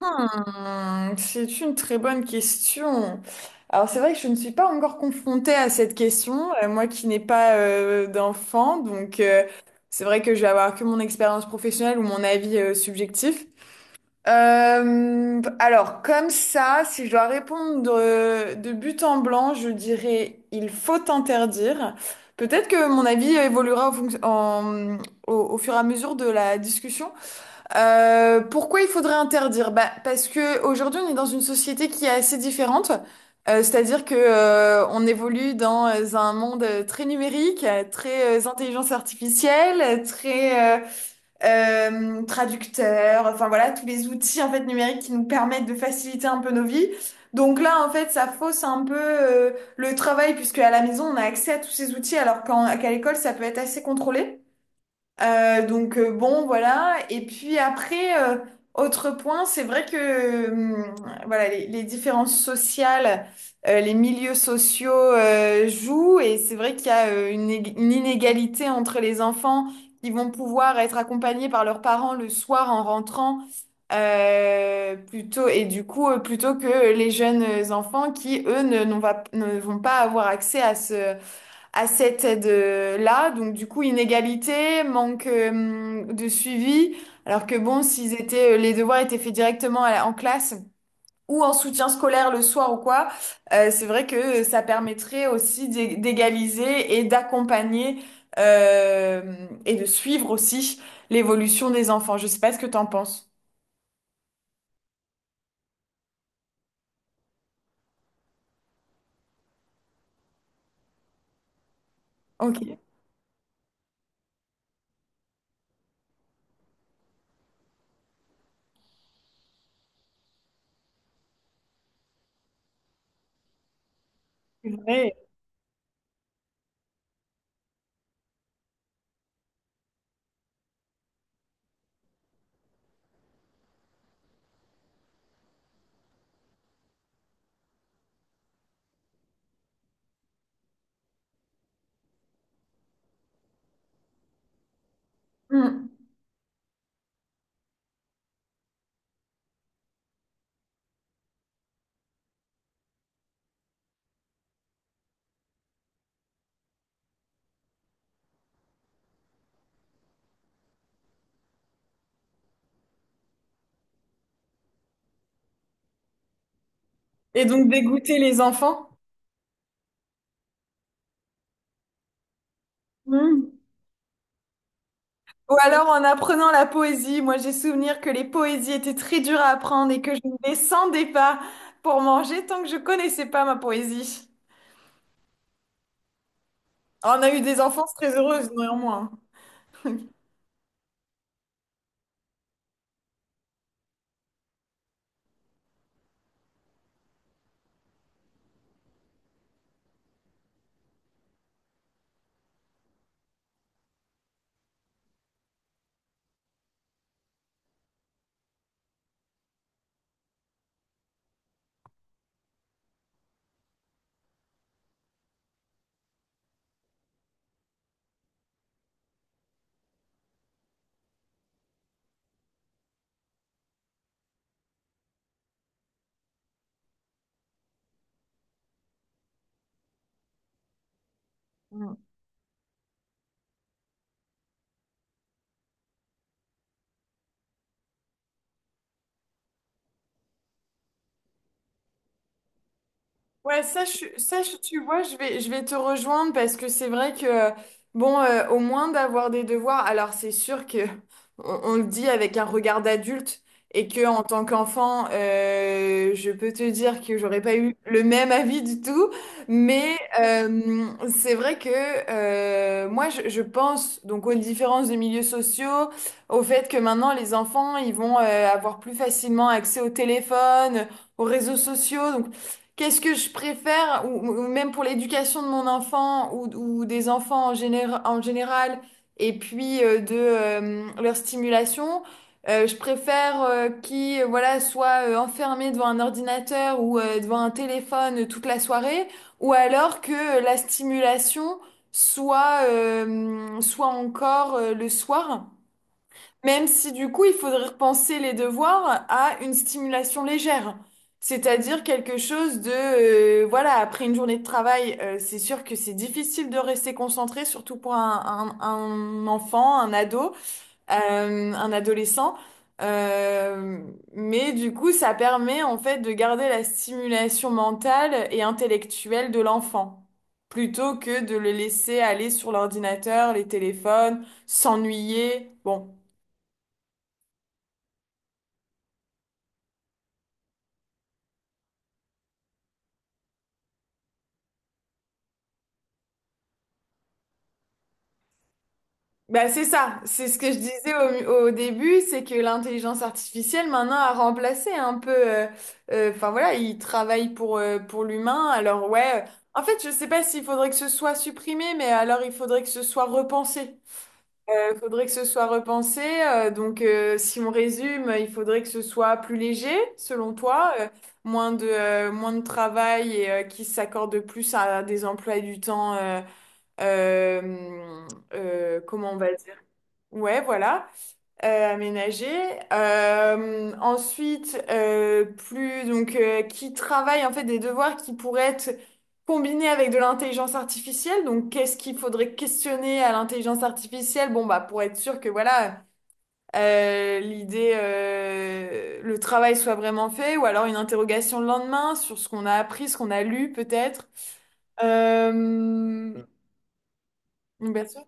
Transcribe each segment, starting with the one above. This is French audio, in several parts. Hmm, c'est une très bonne question. Alors c'est vrai que je ne suis pas encore confrontée à cette question, moi qui n'ai pas d'enfant, c'est vrai que je vais avoir que mon expérience professionnelle ou mon avis subjectif. Alors comme ça, si je dois répondre de but en blanc, je dirais il faut interdire. Peut-être que mon avis évoluera au fur et à mesure de la discussion. Pourquoi il faudrait interdire? Bah, parce que aujourd'hui, on est dans une société qui est assez différente. C'est-à-dire que on évolue dans un monde très numérique, très intelligence artificielle, très traducteur. Enfin voilà, tous les outils en fait numériques qui nous permettent de faciliter un peu nos vies. Donc là, en fait, ça fausse un peu le travail puisque à la maison, on a accès à tous ces outils qu'à l'école, ça peut être assez contrôlé. Bon, voilà. Et puis après, autre point, c'est vrai que voilà, les différences sociales, les milieux sociaux jouent, et c'est vrai qu'il y a une inégalité entre les enfants qui vont pouvoir être accompagnés par leurs parents le soir en rentrant plutôt, et plutôt que les jeunes enfants qui eux ne, ne vont pas avoir accès à ce à cette aide-là. Donc, du coup, inégalité, manque de suivi. Alors que bon, les devoirs étaient faits directement en classe ou en soutien scolaire le soir ou quoi, c'est vrai que ça permettrait aussi d'égaliser et d'accompagner euh, et de suivre aussi l'évolution des enfants. Je sais pas ce que t'en penses. Ok, c'est vrai. Mm. Et donc dégoûter les enfants. Ou alors en apprenant la poésie, moi j'ai souvenir que les poésies étaient très dures à apprendre et que je ne descendais pas pour manger tant que je connaissais pas ma poésie. On a eu des enfances très heureuses néanmoins. Mm. Ouais, ça, je, suis- ça je- tu vois, je vais te rejoindre parce que c'est vrai que, bon, au moins d'avoir des devoirs, alors c'est sûr que on le dit avec un regard d'adulte et que en tant qu'enfant, je peux te dire que j'aurais pas eu le même avis du tout, mais c'est vrai que moi, je pense donc aux différences de milieux sociaux, au fait que maintenant les enfants, ils vont avoir plus facilement accès au téléphone, aux réseaux sociaux, donc qu'est-ce que je préfère, ou même pour l'éducation de mon enfant ou des enfants en général, et puis de leur stimulation, je préfère qu'ils voilà, soient enfermés devant un ordinateur ou devant un téléphone toute la soirée, ou alors que la stimulation soit encore le soir. Même si du coup, il faudrait repenser les devoirs à une stimulation légère. C'est-à-dire quelque chose de, voilà, après une journée de travail, c'est sûr que c'est difficile de rester concentré, surtout pour un enfant, un ado, un adolescent. Euh, mais du coup, ça permet en fait de garder la stimulation mentale et intellectuelle de l'enfant, plutôt que de le laisser aller sur l'ordinateur, les téléphones, s'ennuyer. Bon. Bah, c'est ça, c'est ce que je disais au début, c'est que l'intelligence artificielle maintenant a remplacé un peu, enfin voilà, il travaille pour l'humain, alors ouais, en fait je sais pas s'il faudrait que ce soit supprimé, mais alors il faudrait que ce soit repensé. Faudrait que ce soit repensé, si on résume, il faudrait que ce soit plus léger, selon toi, moins de, moins de travail et qui s'accorde plus à des emplois du temps, euh, comment on va dire? Ouais, voilà, aménagé. Ensuite, plus donc qui travaille en fait des devoirs qui pourraient être combinés avec de l'intelligence artificielle. Donc, qu'est-ce qu'il faudrait questionner à l'intelligence artificielle? Bon, bah pour être sûr que voilà l'idée, le travail soit vraiment fait, ou alors une interrogation le lendemain sur ce qu'on a appris, ce qu'on a lu peut-être. Euh, bien sûr.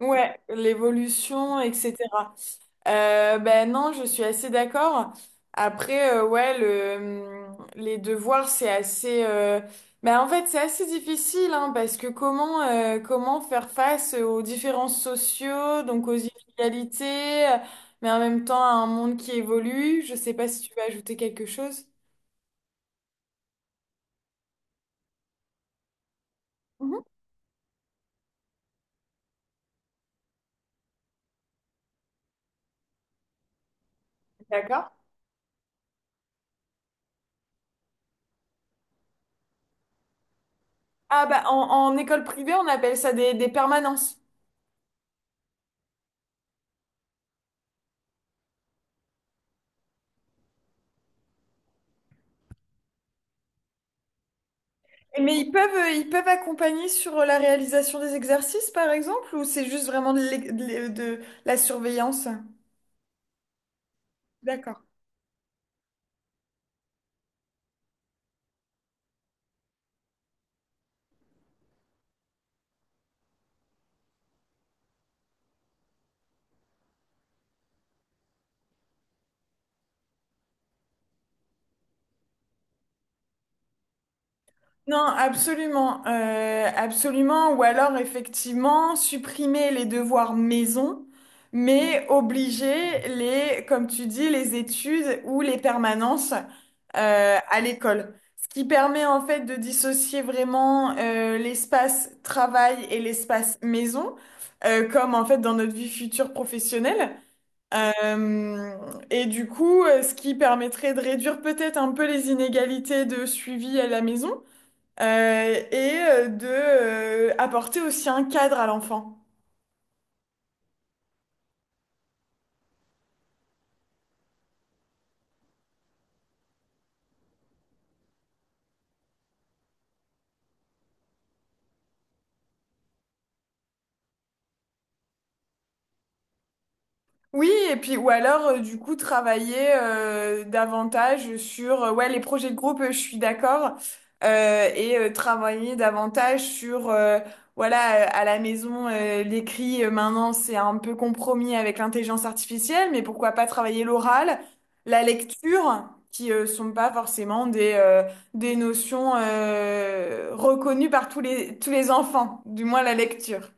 Ouais, l'évolution, etc. Ben non, je suis assez d'accord. Après, ouais, les devoirs, c'est assez ben en fait, c'est assez difficile, hein, parce que comment, comment faire face aux différences sociaux, donc aux inégalités, mais en même temps à un monde qui évolue. Je sais pas si tu veux ajouter quelque chose. Mhm. D'accord. Ah bah en, en école privée, on appelle ça des permanences. Mais ils peuvent accompagner sur la réalisation des exercices, par exemple, ou c'est juste vraiment de, de la surveillance? D'accord. Non, absolument, absolument. Ou alors, effectivement, supprimer les devoirs maison, mais obliger les, comme tu dis, les études ou les permanences à l'école. Ce qui permet en fait de dissocier vraiment l'espace travail et l'espace maison, comme en fait dans notre vie future professionnelle. Euh, et du coup, ce qui permettrait de réduire peut-être un peu les inégalités de suivi à la maison et de apporter aussi un cadre à l'enfant. Oui, et puis ou alors du coup travailler davantage sur ouais les projets de groupe, je suis d'accord, et travailler davantage sur voilà à la maison l'écrit maintenant c'est un peu compromis avec l'intelligence artificielle, mais pourquoi pas travailler l'oral, la lecture qui sont pas forcément des notions reconnues par tous les enfants, du moins la lecture.